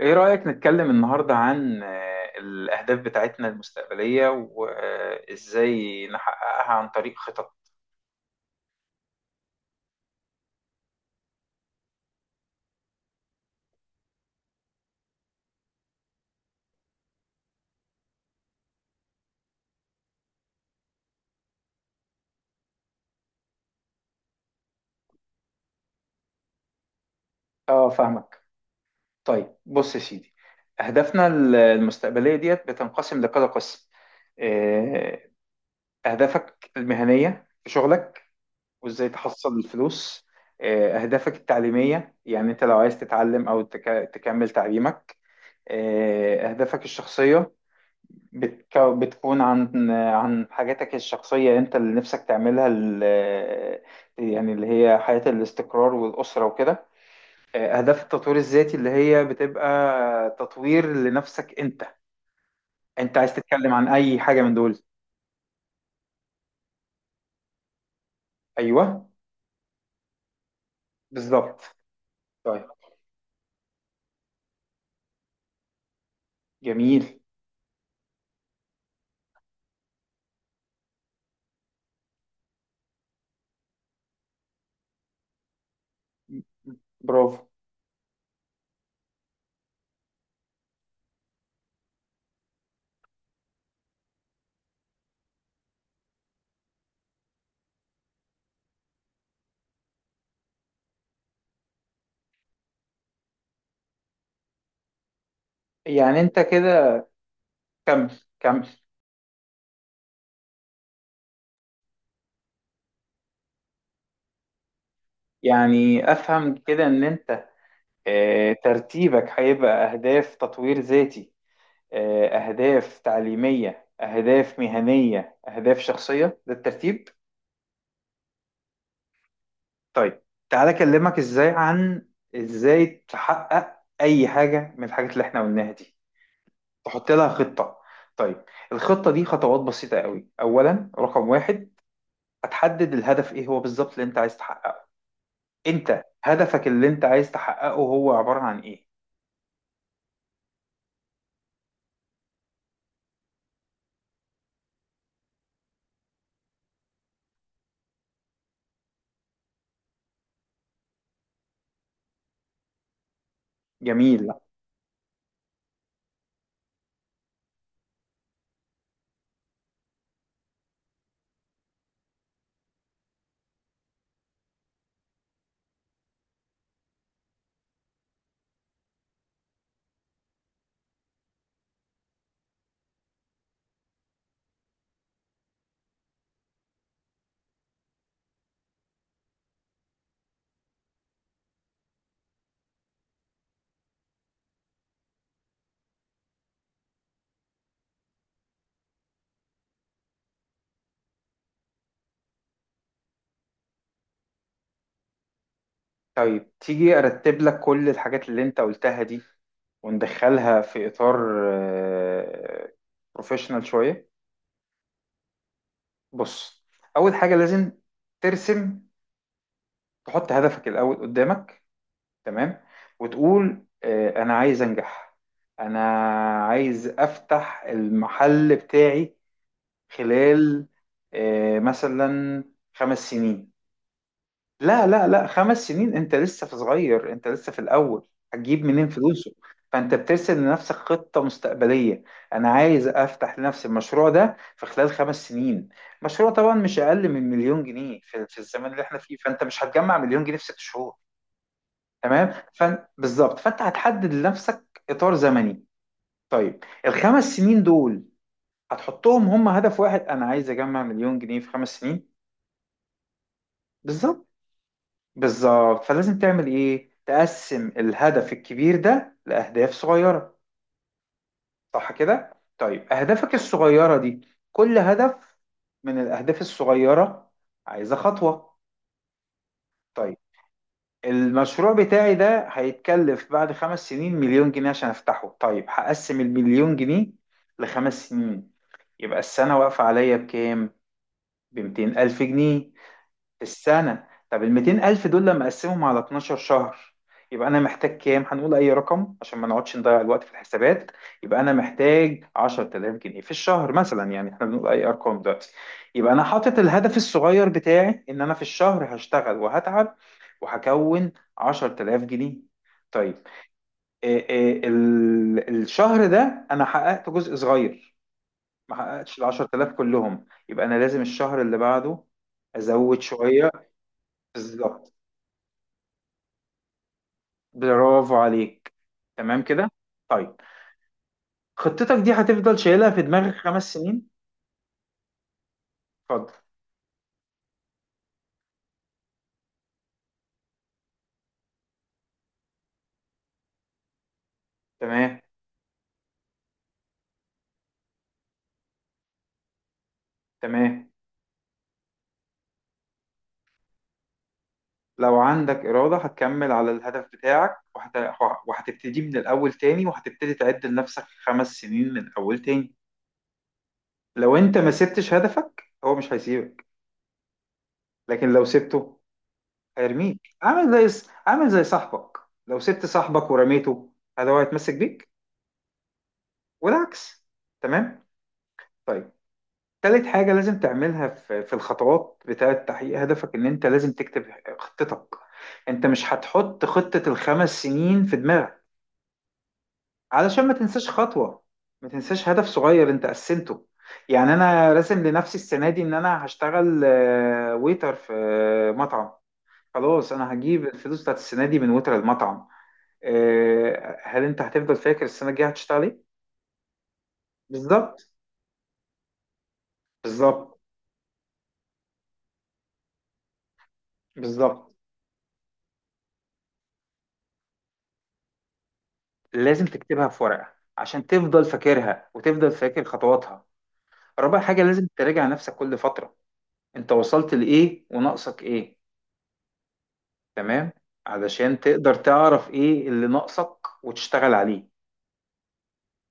ايه رأيك نتكلم النهاردة عن الأهداف بتاعتنا المستقبلية وإزاي نحققها عن طريق خطط. اه، فاهمك. طيب بص يا سيدي، أهدافنا المستقبلية ديت بتنقسم لكذا قسم. آه، أهدافك المهنية في شغلك وإزاي تحصل الفلوس. أهدافك التعليمية، يعني أنت لو عايز تتعلم أو تكمل تعليمك. أهدافك الشخصية، بتكون عن حاجاتك الشخصية، انت اللي نفسك تعملها يعني اللي هي حياة الاستقرار والأسرة وكده. أهداف التطوير الذاتي اللي هي بتبقى تطوير لنفسك انت. انت عايز تتكلم عن أي حاجة من دول؟ أيوه. بالظبط. طيب. جميل. برافو. يعني انت كده، كمل، كمل. يعني أفهم كده ان انت ترتيبك هيبقى أهداف تطوير ذاتي، أهداف تعليمية، أهداف مهنية، أهداف شخصية، ده الترتيب. طيب، تعالى أكلمك إزاي عن إزاي تحقق أي حاجة من الحاجات اللي إحنا قلناها دي. تحط لها خطة. طيب، الخطة دي خطوات بسيطة قوي. أولا، رقم واحد، هتحدد الهدف إيه هو بالظبط اللي أنت عايز تحققه. أنت هدفك اللي أنت عايز تحققه هو عبارة عن إيه؟ جميل. طيب تيجي ارتب لك كل الحاجات اللي انت قلتها دي وندخلها في اطار بروفيشنال شويه. بص، اول حاجه لازم ترسم، تحط هدفك الاول قدامك. تمام. وتقول انا عايز انجح، انا عايز افتح المحل بتاعي خلال مثلا خمس سنين. لا لا لا، خمس سنين انت لسه في صغير، انت لسه في الاول. هتجيب منين فلوسه؟ فانت بترسم لنفسك خطة مستقبلية، انا عايز افتح لنفسي المشروع ده في خلال خمس سنين. مشروع طبعا مش اقل من مليون جنيه في الزمن اللي احنا فيه. فانت مش هتجمع مليون جنيه في 6 شهور. تمام. بالظبط، فانت هتحدد لنفسك اطار زمني. طيب الخمس سنين دول هتحطهم هم هدف واحد، انا عايز اجمع مليون جنيه في خمس سنين. بالظبط. بالظبط، فلازم تعمل ايه؟ تقسم الهدف الكبير ده لأهداف صغيرة. صح كده. طيب أهدافك الصغيرة دي، كل هدف من الأهداف الصغيرة عايزة خطوة. طيب، المشروع بتاعي ده هيتكلف بعد خمس سنين مليون جنيه عشان أفتحه. طيب هقسم المليون جنيه لخمس سنين، يبقى السنة واقفة عليا بكام؟ بمتين ألف جنيه في السنة. طب ال 200,000 دول لما أقسمهم على 12 شهر يبقى أنا محتاج كام؟ هنقول أي رقم عشان ما نقعدش نضيع الوقت في الحسابات. يبقى أنا محتاج 10,000 جنيه في الشهر مثلا، يعني إحنا بنقول أي أرقام دلوقتي. يبقى أنا حاطط الهدف الصغير بتاعي إن أنا في الشهر هشتغل وهتعب وهكون 10,000 جنيه. طيب إيه إيه الشهر ده أنا حققت جزء صغير، ما حققتش ال 10,000 كلهم، يبقى أنا لازم الشهر اللي بعده أزود شوية. بالظبط. برافو عليك. تمام كده. طيب خطتك دي هتفضل شايلها في دماغك خمس سنين. اتفضل. تمام. تمام. لو عندك إرادة هتكمل على الهدف بتاعك وهتبتدي من الأول تاني، وهتبتدي تعد لنفسك خمس سنين من أول تاني. لو أنت ما سبتش هدفك هو مش هيسيبك. لكن لو سبته هيرميك، عامل زي صاحبك. لو سبت صاحبك ورميته، هذا هو هيتمسك بيك، والعكس. تمام. طيب تالت حاجة لازم تعملها في الخطوات بتاعة تحقيق هدفك، إن أنت لازم تكتب خطتك. أنت مش هتحط خطة الخمس سنين في دماغك، علشان ما تنساش خطوة، ما تنساش هدف صغير أنت قسمته. يعني أنا راسم لنفسي السنة دي إن أنا هشتغل ويتر في مطعم، خلاص أنا هجيب الفلوس بتاعت السنة دي من ويتر المطعم. هل أنت هتفضل فاكر السنة الجاية هتشتغل إيه؟ بالظبط. بالظبط. بالظبط. لازم تكتبها في ورقة عشان تفضل فاكرها وتفضل فاكر خطواتها. رابع حاجة لازم تراجع نفسك كل فترة، انت وصلت لإيه وناقصك إيه. تمام، علشان تقدر تعرف إيه اللي ناقصك وتشتغل عليه.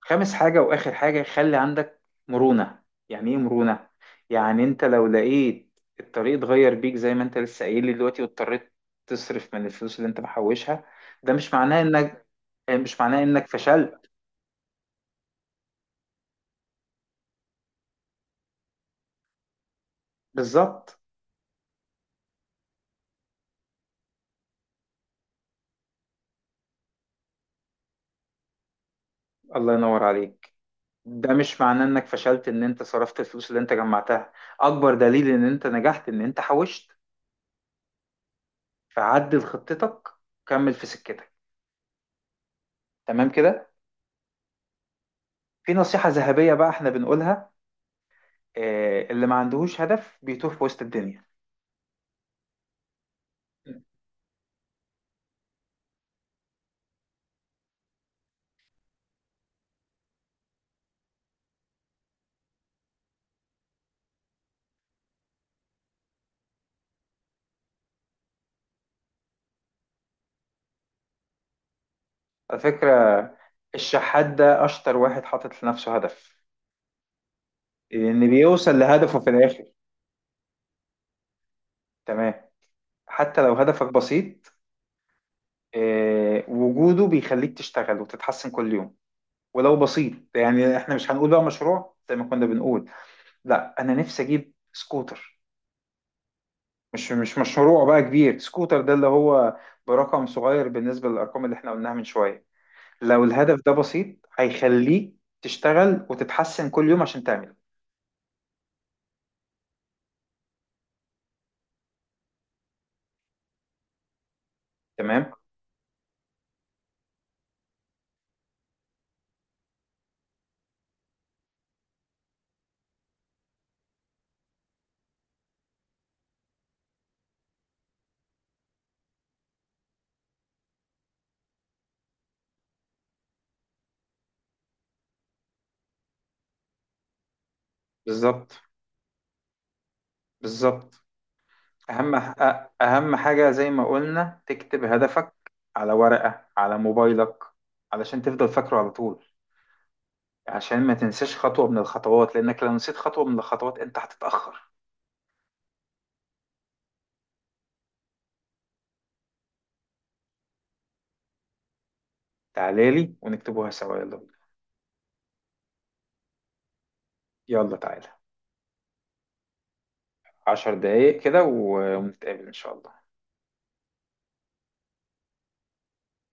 خامس حاجة وآخر حاجة، خلي عندك مرونة. يعني إيه مرونة؟ يعني انت لو لقيت الطريق اتغير بيك زي ما انت لسه قايل لي دلوقتي، واضطريت تصرف من الفلوس اللي انت محوشها، ده مش معناه انك، مش معناه انك فشلت. بالظبط. الله ينور عليك. ده مش معناه انك فشلت ان انت صرفت الفلوس اللي انت جمعتها. اكبر دليل ان انت نجحت ان انت حوشت. فعدل خطتك، كمل في سكتك. تمام كده. في نصيحة ذهبية بقى احنا بنقولها، اللي ما عندهوش هدف بيتوه في وسط الدنيا. على فكرة، الشحات ده اشطر واحد حاطط لنفسه هدف، لان بيوصل لهدفه في الاخر. تمام. حتى لو هدفك بسيط، وجوده بيخليك تشتغل وتتحسن كل يوم. ولو بسيط، يعني احنا مش هنقول بقى مشروع زي ما كنا بنقول، لا انا نفسي اجيب سكوتر. مش مشروع بقى كبير، سكوتر ده اللي هو برقم صغير بالنسبة للأرقام اللي احنا قلناها من شوية. لو الهدف ده بسيط هيخليك تشتغل وتتحسن كل يوم عشان تعمله. تمام. بالظبط. بالظبط. أهم أ- أهم حاجة زي ما قلنا، تكتب هدفك على ورقة، على موبايلك، علشان تفضل فاكره على طول، عشان ما تنساش خطوة من الخطوات، لأنك لو نسيت خطوة من الخطوات أنت هتتأخر. تعالى لي ونكتبوها سوا، يلا بينا. يلا تعالى. 10 دقايق كده ونتقابل إن شاء الله.